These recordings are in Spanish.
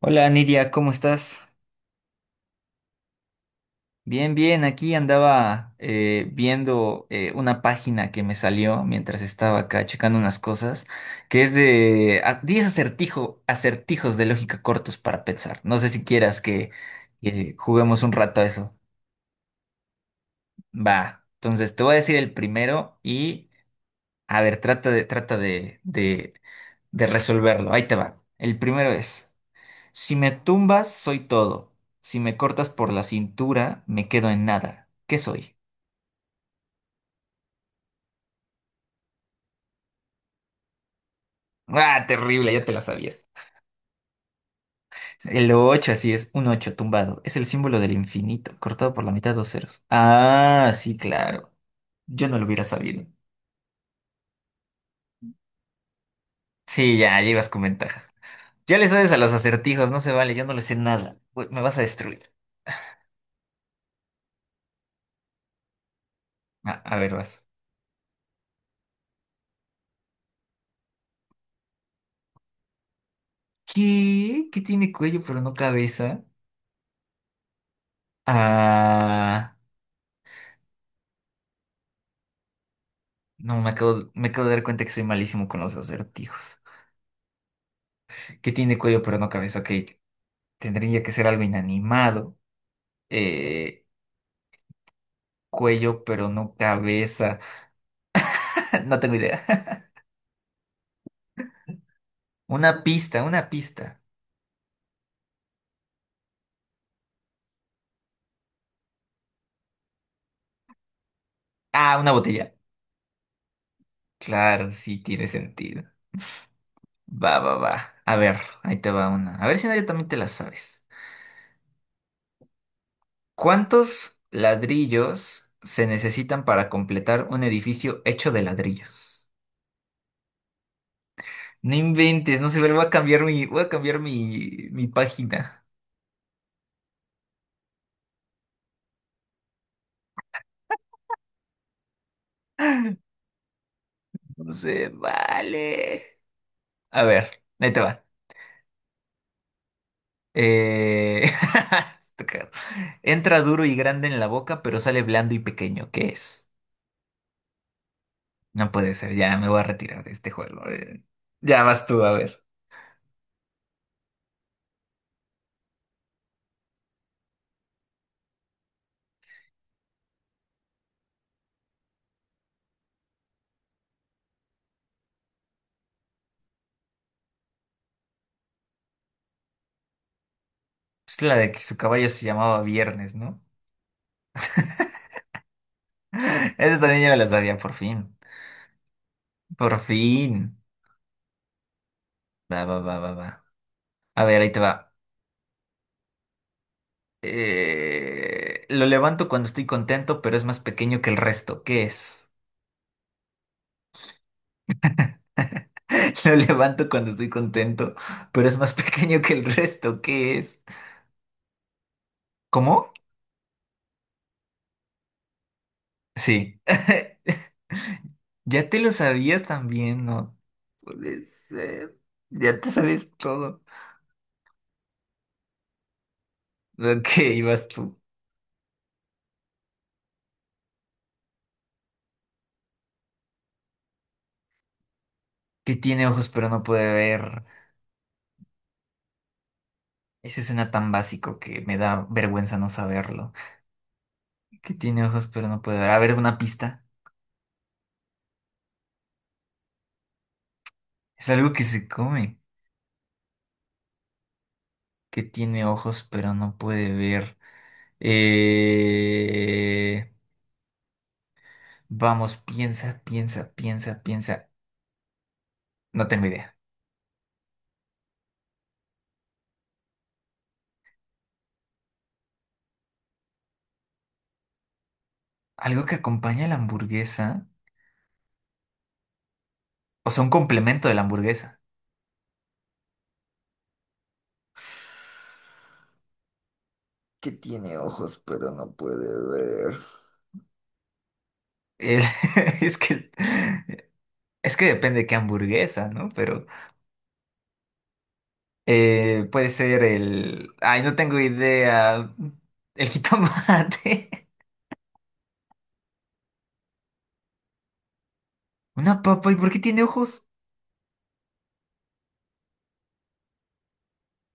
Hola Nidia, ¿cómo estás? Bien, bien, aquí andaba viendo una página que me salió mientras estaba acá checando unas cosas, que es de 10 acertijos de lógica cortos para pensar. No sé si quieras que juguemos un rato a eso. Va, entonces te voy a decir el primero y a ver, trata de resolverlo. Ahí te va. El primero es... Si me tumbas, soy todo. Si me cortas por la cintura, me quedo en nada. ¿Qué soy? Ah, terrible, ya te la sabías. El 8 así es, un 8 tumbado. Es el símbolo del infinito, cortado por la mitad dos ceros. Ah, sí, claro. Yo no lo hubiera sabido. Sí, ya, llevas con ventaja. Ya le sabes a los acertijos, no se vale, yo no le sé nada. Uy, me vas a destruir. Ah, a ver, vas. ¿Qué? ¿Qué tiene cuello pero no cabeza? Ah, no, me acabo de dar cuenta que soy malísimo con los acertijos. Que tiene cuello pero no cabeza, ok, tendría que ser algo inanimado, eh, cuello pero no cabeza, no tengo idea. Una pista, una pista. Ah, una botella. Claro, sí tiene sentido. Va, va, va. A ver, ahí te va una. A ver si nadie también te la sabes. ¿Cuántos ladrillos se necesitan para completar un edificio hecho de ladrillos? No inventes, no sé, pero voy a cambiar mi, voy a cambiar mi, mi página. No sé, vale. A ver, ahí te va. Eh, Entra duro y grande en la boca, pero sale blando y pequeño. ¿Qué es? No puede ser, ya me voy a retirar de este juego. Ya vas tú, a ver. Es la de que su caballo se llamaba Viernes, ¿no? Esa también ya me la sabía, por fin. Por fin. Va, va, va, va, va. A ver, ahí te va. Lo levanto cuando estoy contento, pero es más pequeño que el resto. ¿Qué es? Lo levanto cuando estoy contento, pero es más pequeño que el resto. ¿Qué es? ¿Cómo? Sí. Ya te lo sabías también, ¿no? Puede ser. Ya te sabes todo. Ok, vas tú. Que tiene ojos pero no puede ver. Ese suena tan básico que me da vergüenza no saberlo. Que tiene ojos pero no puede ver. A ver, una pista. Es algo que se come. Que tiene ojos pero no puede ver. Eh... Vamos, piensa, piensa, piensa, piensa. No tengo idea. Algo que acompaña a la hamburguesa. O sea, un complemento de la hamburguesa. Que tiene ojos, pero no puede ver. El- es que depende de qué hamburguesa, ¿no? Pero puede ser el... Ay, no tengo idea. El jitomate. Una papa. ¿Y por qué tiene ojos?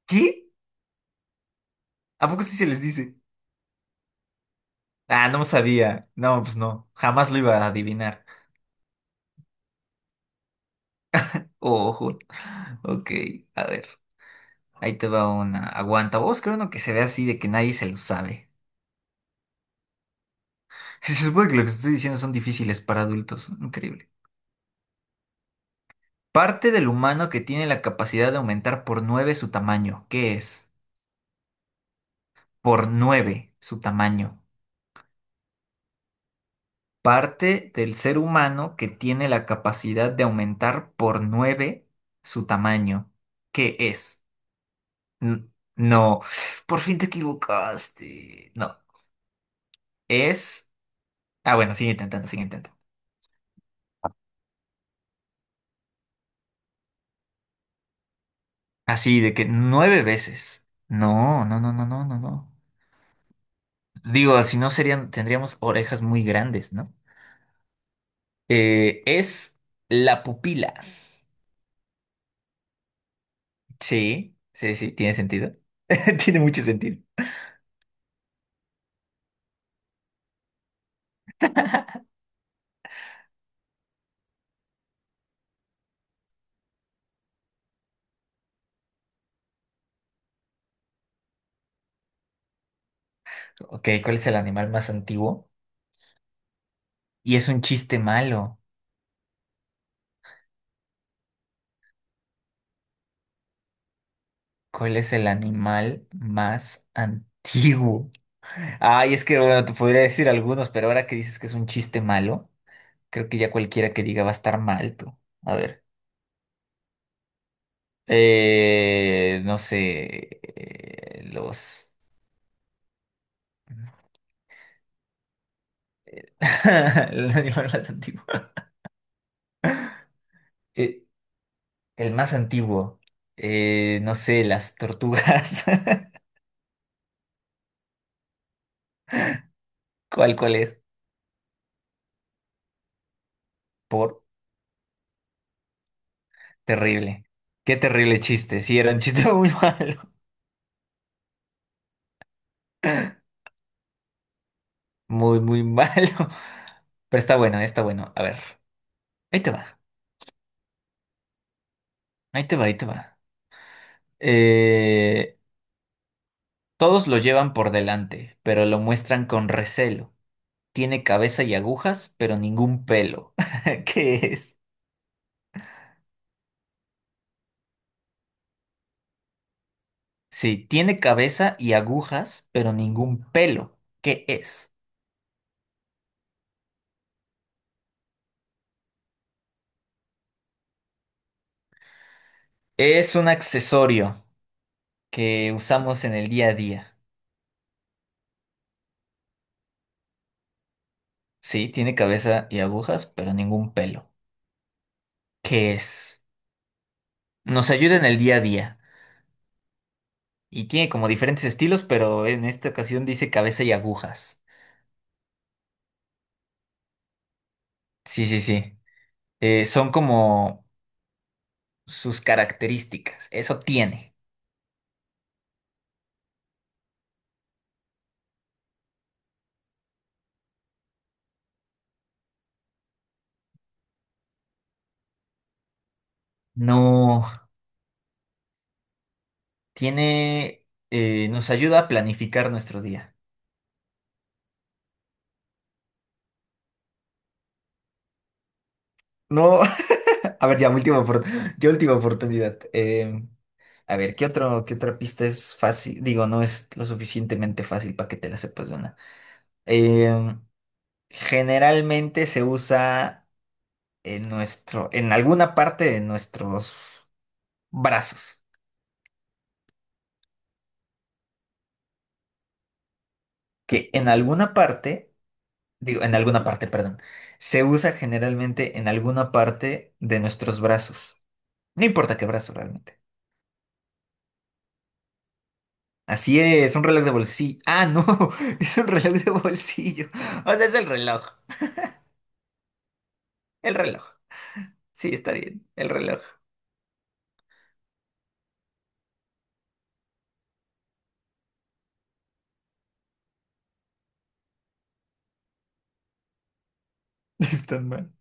¿Qué? ¿A poco sí se les dice? Ah, no sabía. No, pues no. Jamás lo iba a adivinar. Ojo. Ok, a ver. Ahí te va una. Aguanta. Vos creo uno que se ve así de que nadie se lo sabe. Se supone que lo que estoy diciendo son difíciles para adultos. Increíble. Parte del humano que tiene la capacidad de aumentar por nueve su tamaño. ¿Qué es? Por 9 su tamaño. Parte del ser humano que tiene la capacidad de aumentar por 9 su tamaño. ¿Qué es? N- no. Por fin te equivocaste. No. Es... Ah, bueno, sigue intentando, sigue intentando. Así de que nueve veces. No, no, no, no, no, no, no. Digo, si no serían, tendríamos orejas muy grandes, ¿no? Es la pupila. Sí, sí, sí, tiene sentido. Tiene mucho sentido. Ok, ¿cuál es el animal más antiguo? Y es un chiste malo. ¿Cuál es el animal más antiguo? Ay, es que bueno, te podría decir algunos, pero ahora que dices que es un chiste malo, creo que ya cualquiera que diga va a estar mal tú. A ver. No sé. Los. El animal más antiguo. Eh, el más antiguo. No sé, las tortugas. ¿Cuál, cuál es? Por terrible. Qué terrible chiste. Sí, era un chiste muy malo. Muy, muy malo. Pero está bueno, está bueno. A ver. Ahí te va. Ahí te va, ahí te va. Eh, todos lo llevan por delante, pero lo muestran con recelo. Tiene cabeza y agujas, pero ningún pelo. ¿Qué es? Sí, tiene cabeza y agujas, pero ningún pelo. ¿Qué es? Es un accesorio que usamos en el día a día. Sí, tiene cabeza y agujas, pero ningún pelo. ¿Qué es? Nos ayuda en el día a día. Y tiene como diferentes estilos, pero en esta ocasión dice cabeza y agujas. Sí, sí, sí. Son como sus características. Eso tiene. No, tiene... nos ayuda a planificar nuestro día. No. A ver, ya, ya última oportunidad. A ver, ¿qué otro, qué otra pista es fácil? Digo, no es lo suficientemente fácil para que te la sepas de una. Em, generalmente se usa en nuestro, en alguna parte de nuestros brazos. Que en alguna parte, digo, en alguna parte, perdón, se usa generalmente en alguna parte de nuestros brazos. No importa qué brazo realmente. Así es, un reloj de bolsillo. Ah, no, es un reloj de bolsillo. O sea, es el reloj. El reloj. Sí, está bien, el reloj. Está mal.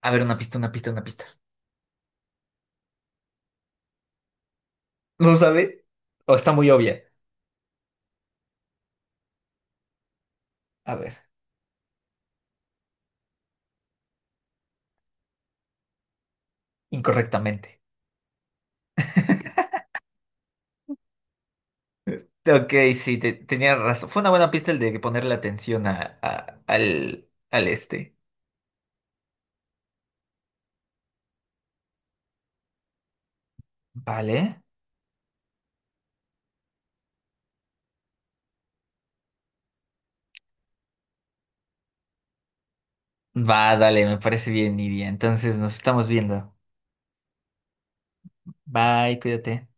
A ver, una pista, una pista, una pista. ¿No sabe? O está muy obvia. A ver, incorrectamente. Ok, sí, tenía razón. Fue una buena pista el de ponerle atención al este. Vale. Va, dale, me parece bien, Nidia. Entonces nos estamos viendo. Bye, cuídate.